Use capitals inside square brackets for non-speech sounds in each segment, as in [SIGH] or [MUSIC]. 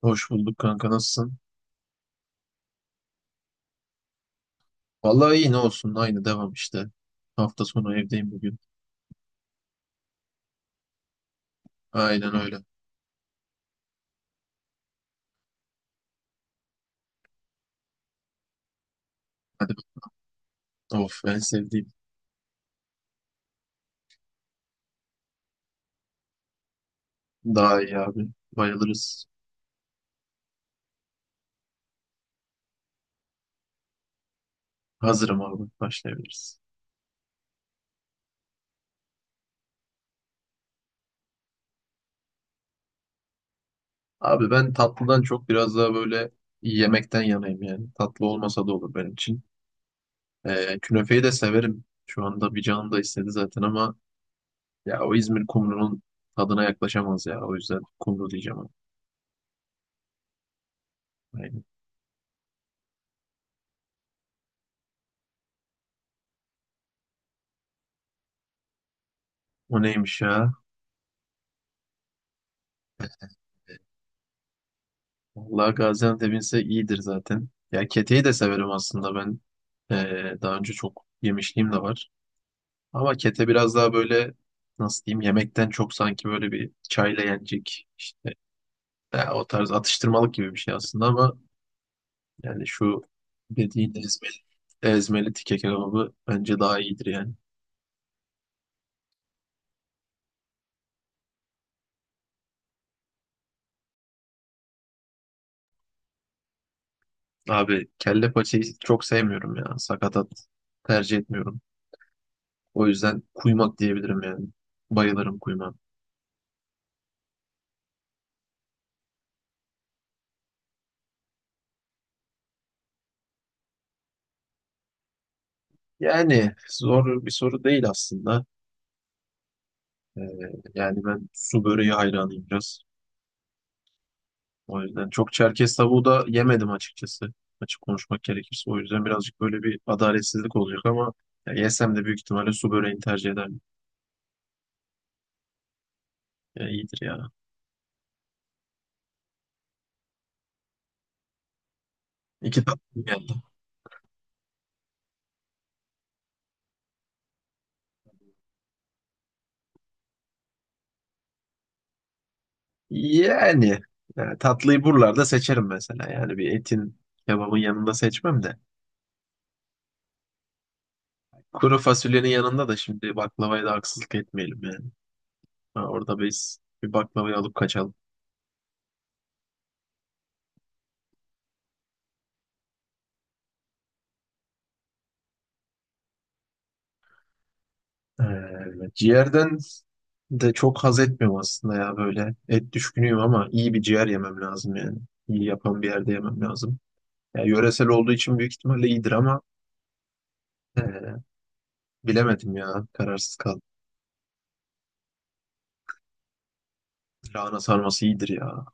Hoş bulduk kanka, nasılsın? Vallahi iyi, ne olsun, aynı devam işte. Hafta sonu evdeyim bugün. Aynen öyle. Hadi, of, en sevdiğim. Daha iyi abi. Bayılırız. Hazırım abi, başlayabiliriz. Abi, ben tatlıdan çok biraz daha böyle yemekten yanayım yani. Tatlı olmasa da olur benim için. Künefeyi de severim. Şu anda bir canım da istedi zaten, ama ya o İzmir kumrunun tadına yaklaşamaz ya. O yüzden kumru diyeceğim abi. Aynen. O neymiş ya? Vallahi Gaziantep'inse iyidir zaten. Ya keteyi de severim aslında ben. Daha önce çok yemişliğim de var. Ama kete biraz daha böyle, nasıl diyeyim, yemekten çok sanki böyle bir çayla yenecek işte, ya o tarz atıştırmalık gibi bir şey aslında, ama yani şu dediğin ezmeli, tike kebabı bence daha iyidir yani. Abi kelle paçayı çok sevmiyorum ya. Sakatat tercih etmiyorum. O yüzden kuymak diyebilirim yani. Bayılırım kuymağa. Yani zor bir soru değil aslında. Ee, Yani ben su böreği hayranıyım biraz. O yüzden çok Çerkez tavuğu da yemedim açıkçası. Açık konuşmak gerekirse. O yüzden birazcık böyle bir adaletsizlik olacak, ama ya yesem de büyük ihtimalle su böreğini tercih ederim. Ya iyidir ya. İki tatlı geldi. Yani, Yani tatlıyı buralarda seçerim mesela. Yani bir etin, kebabın yanında seçmem de. Kuru fasulyenin yanında da şimdi baklavaya da haksızlık etmeyelim yani. Ha, orada biz bir baklavayı alıp kaçalım. Evet, ciğerden de çok haz etmiyorum aslında ya böyle. Et düşkünüyüm ama iyi bir ciğer yemem lazım yani. İyi yapan bir yerde yemem lazım. Ya, yöresel olduğu için büyük ihtimalle iyidir ama ee, bilemedim ya. Kararsız kaldım. Lahana sarması iyidir ya.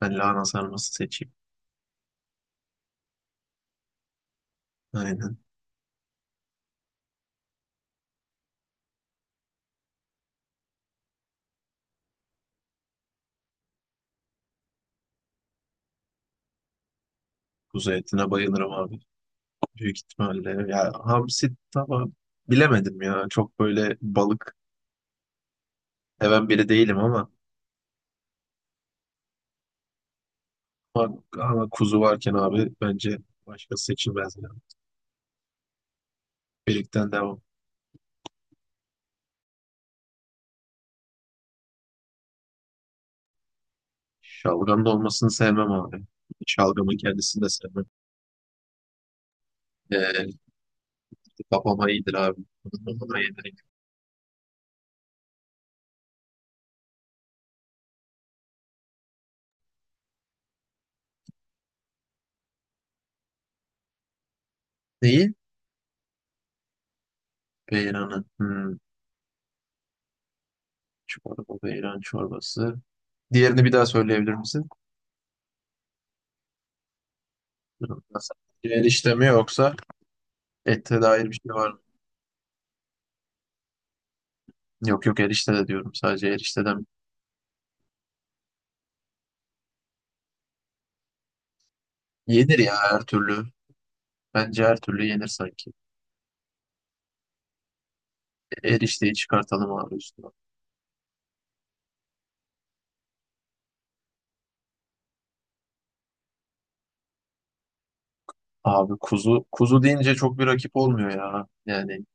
Ben lahana sarması seçeyim. Aynen. Kuzu etine bayılırım abi. Büyük ihtimalle. Ya hamsi tamam. Bilemedim ya. Çok böyle balık seven biri değilim ama ama kuzu varken abi bence başka seçilmez yani. Birlikten devam. Şalgam da olmasını sevmem abi. Şalgamın kendisini de sevmem. Ee, Babama iyidir abi. Babama iyidir. Neyi? Beyranı. Hmm, çorba, beyran çorbası. Diğerini bir daha söyleyebilir misin? Erişte mi, yoksa ette dair bir şey var mı? Yok, yok, erişte de diyorum, sadece erişteden. Yenir ya her türlü. Bence her türlü yenir sanki. Erişteyi çıkartalım abi üstüne. Abi, kuzu kuzu deyince çok bir rakip olmuyor ya.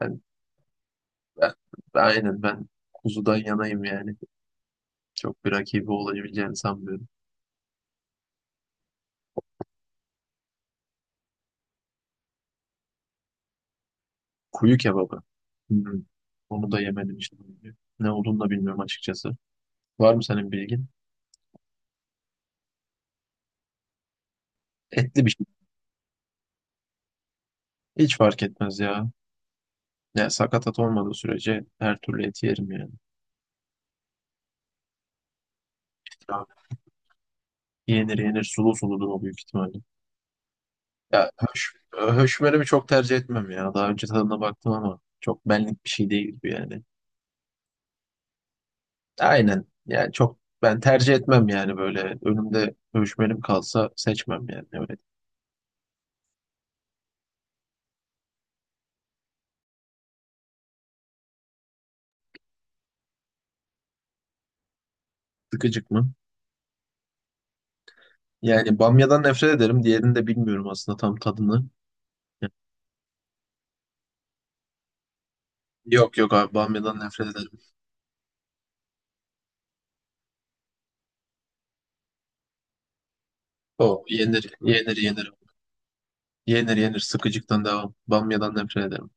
ben, ben, aynen, ben kuzudan yanayım yani. Çok bir rakibi olabileceğini sanmıyorum. Kuyu kebabı. Hmm. Onu da yemedim işte. Ne olduğunu da bilmiyorum açıkçası. Var mı senin bilgin? Etli bir şey. Hiç fark etmez ya. Ya sakatat olmadığı sürece her türlü eti yerim yani. Ya, yenir yenir, sulu suludur o büyük ihtimalle. Höşmerimi çok tercih etmem ya. Daha önce tadına baktım ama çok benlik bir şey değil bu yani. Aynen. Yani çok ben tercih etmem yani, böyle önümde dövüşmelim kalsa seçmem yani öyle. Sıkıcık mı? Yani bamyadan nefret ederim. Diğerini de bilmiyorum aslında tam tadını. Yani Yok, yok, abi bamyadan nefret ederim. O yenir yenir yenir. Yenir yenir, sıkıcıktan devam. Bamyadan nefret ederim.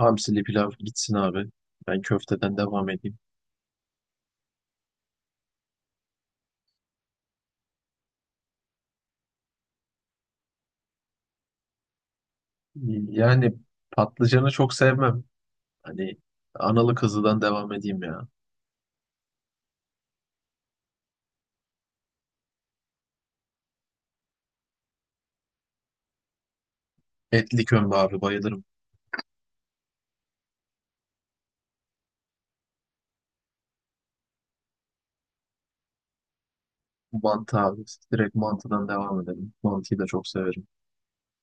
Hamsili pilav gitsin abi. Ben köfteden devam edeyim. Yani patlıcanı çok sevmem. Hani analı kızıdan devam edeyim ya. Etli kömbe abi, bayılırım. Mantı abi. İşte direkt mantıdan devam edelim. Mantıyı da çok severim.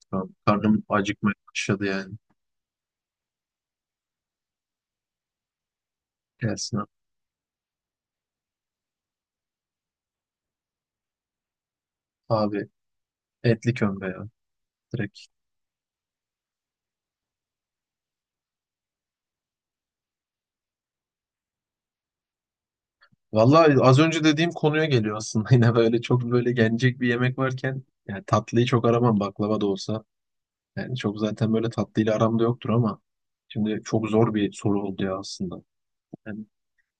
Şu an karnım acıkmaya başladı yani. Gelsin abi. Etli kömbe ya. Direkt. Vallahi az önce dediğim konuya geliyor aslında. [LAUGHS] Yine böyle çok böyle yenecek bir yemek varken yani tatlıyı çok aramam, baklava da olsa. Yani çok zaten böyle tatlıyla aramda yoktur, ama şimdi çok zor bir soru oldu ya aslında. Yani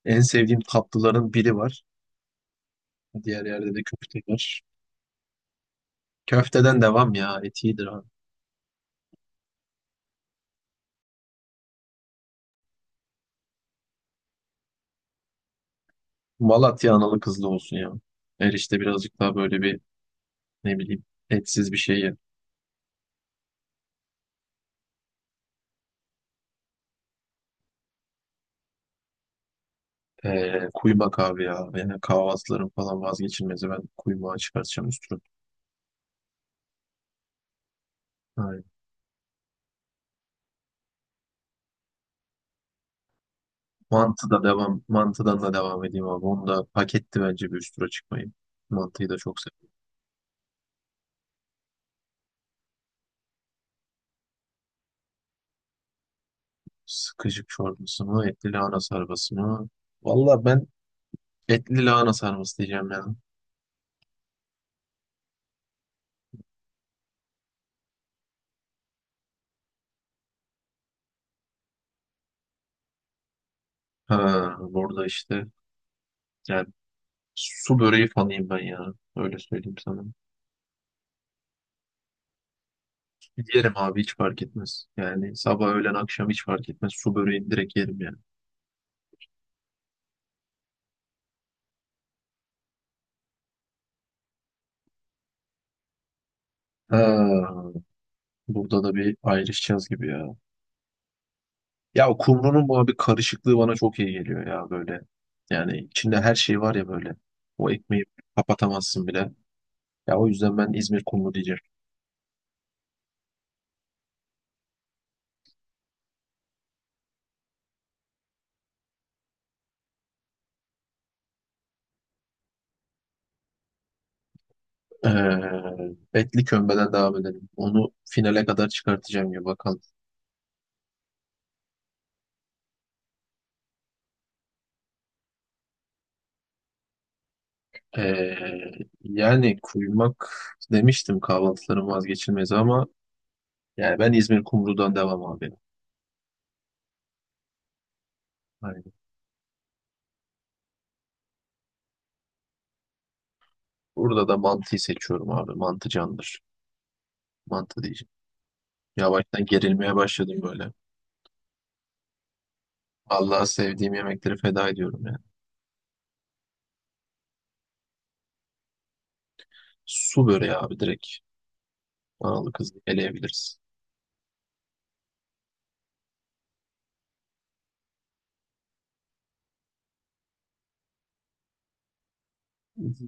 en sevdiğim tatlıların biri var. Diğer yerde de köfte var. Köfteden devam ya. Et iyidir abi. Malatya analı kızlı olsun ya. Erişte birazcık daha böyle bir, ne bileyim, etsiz bir şey ye. Kuymak abi ya. Yani kahvaltıların falan vazgeçilmezi. Ben kuymağı çıkartacağım üstüne. Aynen. Mantı da devam. Mantıdan da devam edeyim abi. Onu da hak etti bence bir üstüne çıkmayı. Mantıyı da çok seviyorum. Sıkışık çorbası mı? Etli lahana sarması mı? Valla ben etli lahana sarması diyeceğim ya. Ha, burada işte yani su böreği fanıyım ben ya. Öyle söyleyeyim sana. Yerim abi, hiç fark etmez. Yani sabah, öğlen, akşam hiç fark etmez. Su böreğini direkt yerim yani. Ha, burada da bir ayrışacağız gibi ya. Ya o kumrunun bu abi karışıklığı bana çok iyi geliyor ya böyle. Yani içinde her şey var ya böyle. O ekmeği kapatamazsın bile. Ya o yüzden ben İzmir kumru diyeceğim. Ee, Etli kömbeden devam edelim. Onu finale kadar çıkartacağım ya bakalım. Ee, Yani kuymak demiştim, kahvaltıların vazgeçilmezi, ama yani ben İzmir kumrudan devam abi. Aynen. Burada da mantıyı seçiyorum abi. Mantı candır. Mantı diyeceğim. Yavaştan gerilmeye başladım böyle. Allah'a sevdiğim yemekleri feda ediyorum yani. Su böreği abi, direkt. Analı kızlı eleyebiliriz.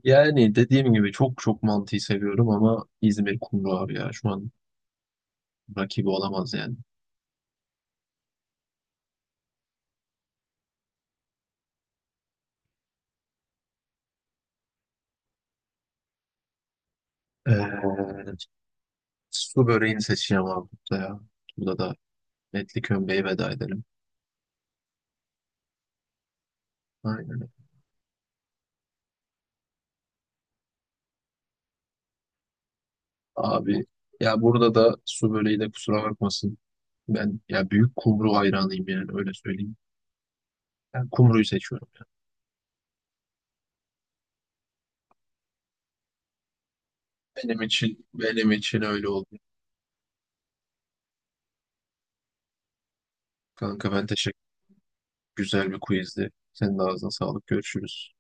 Yani dediğim gibi çok çok mantıyı seviyorum, ama İzmir kumru abi ya. Şu an rakibi olamaz yani. Ee, Su böreğini seçeceğim abi burada ya. Burada da etli kömbeyi veda edelim. Aynen. Abi ya, burada da su böreği de kusura bakmasın. Ben ya büyük kumru hayranıyım yani, öyle söyleyeyim. Ben kumruyu seçiyorum ya. Benim için, öyle oldu. Kanka ben teşekkür. Güzel bir quizdi. Senin de ağzına sağlık. Görüşürüz.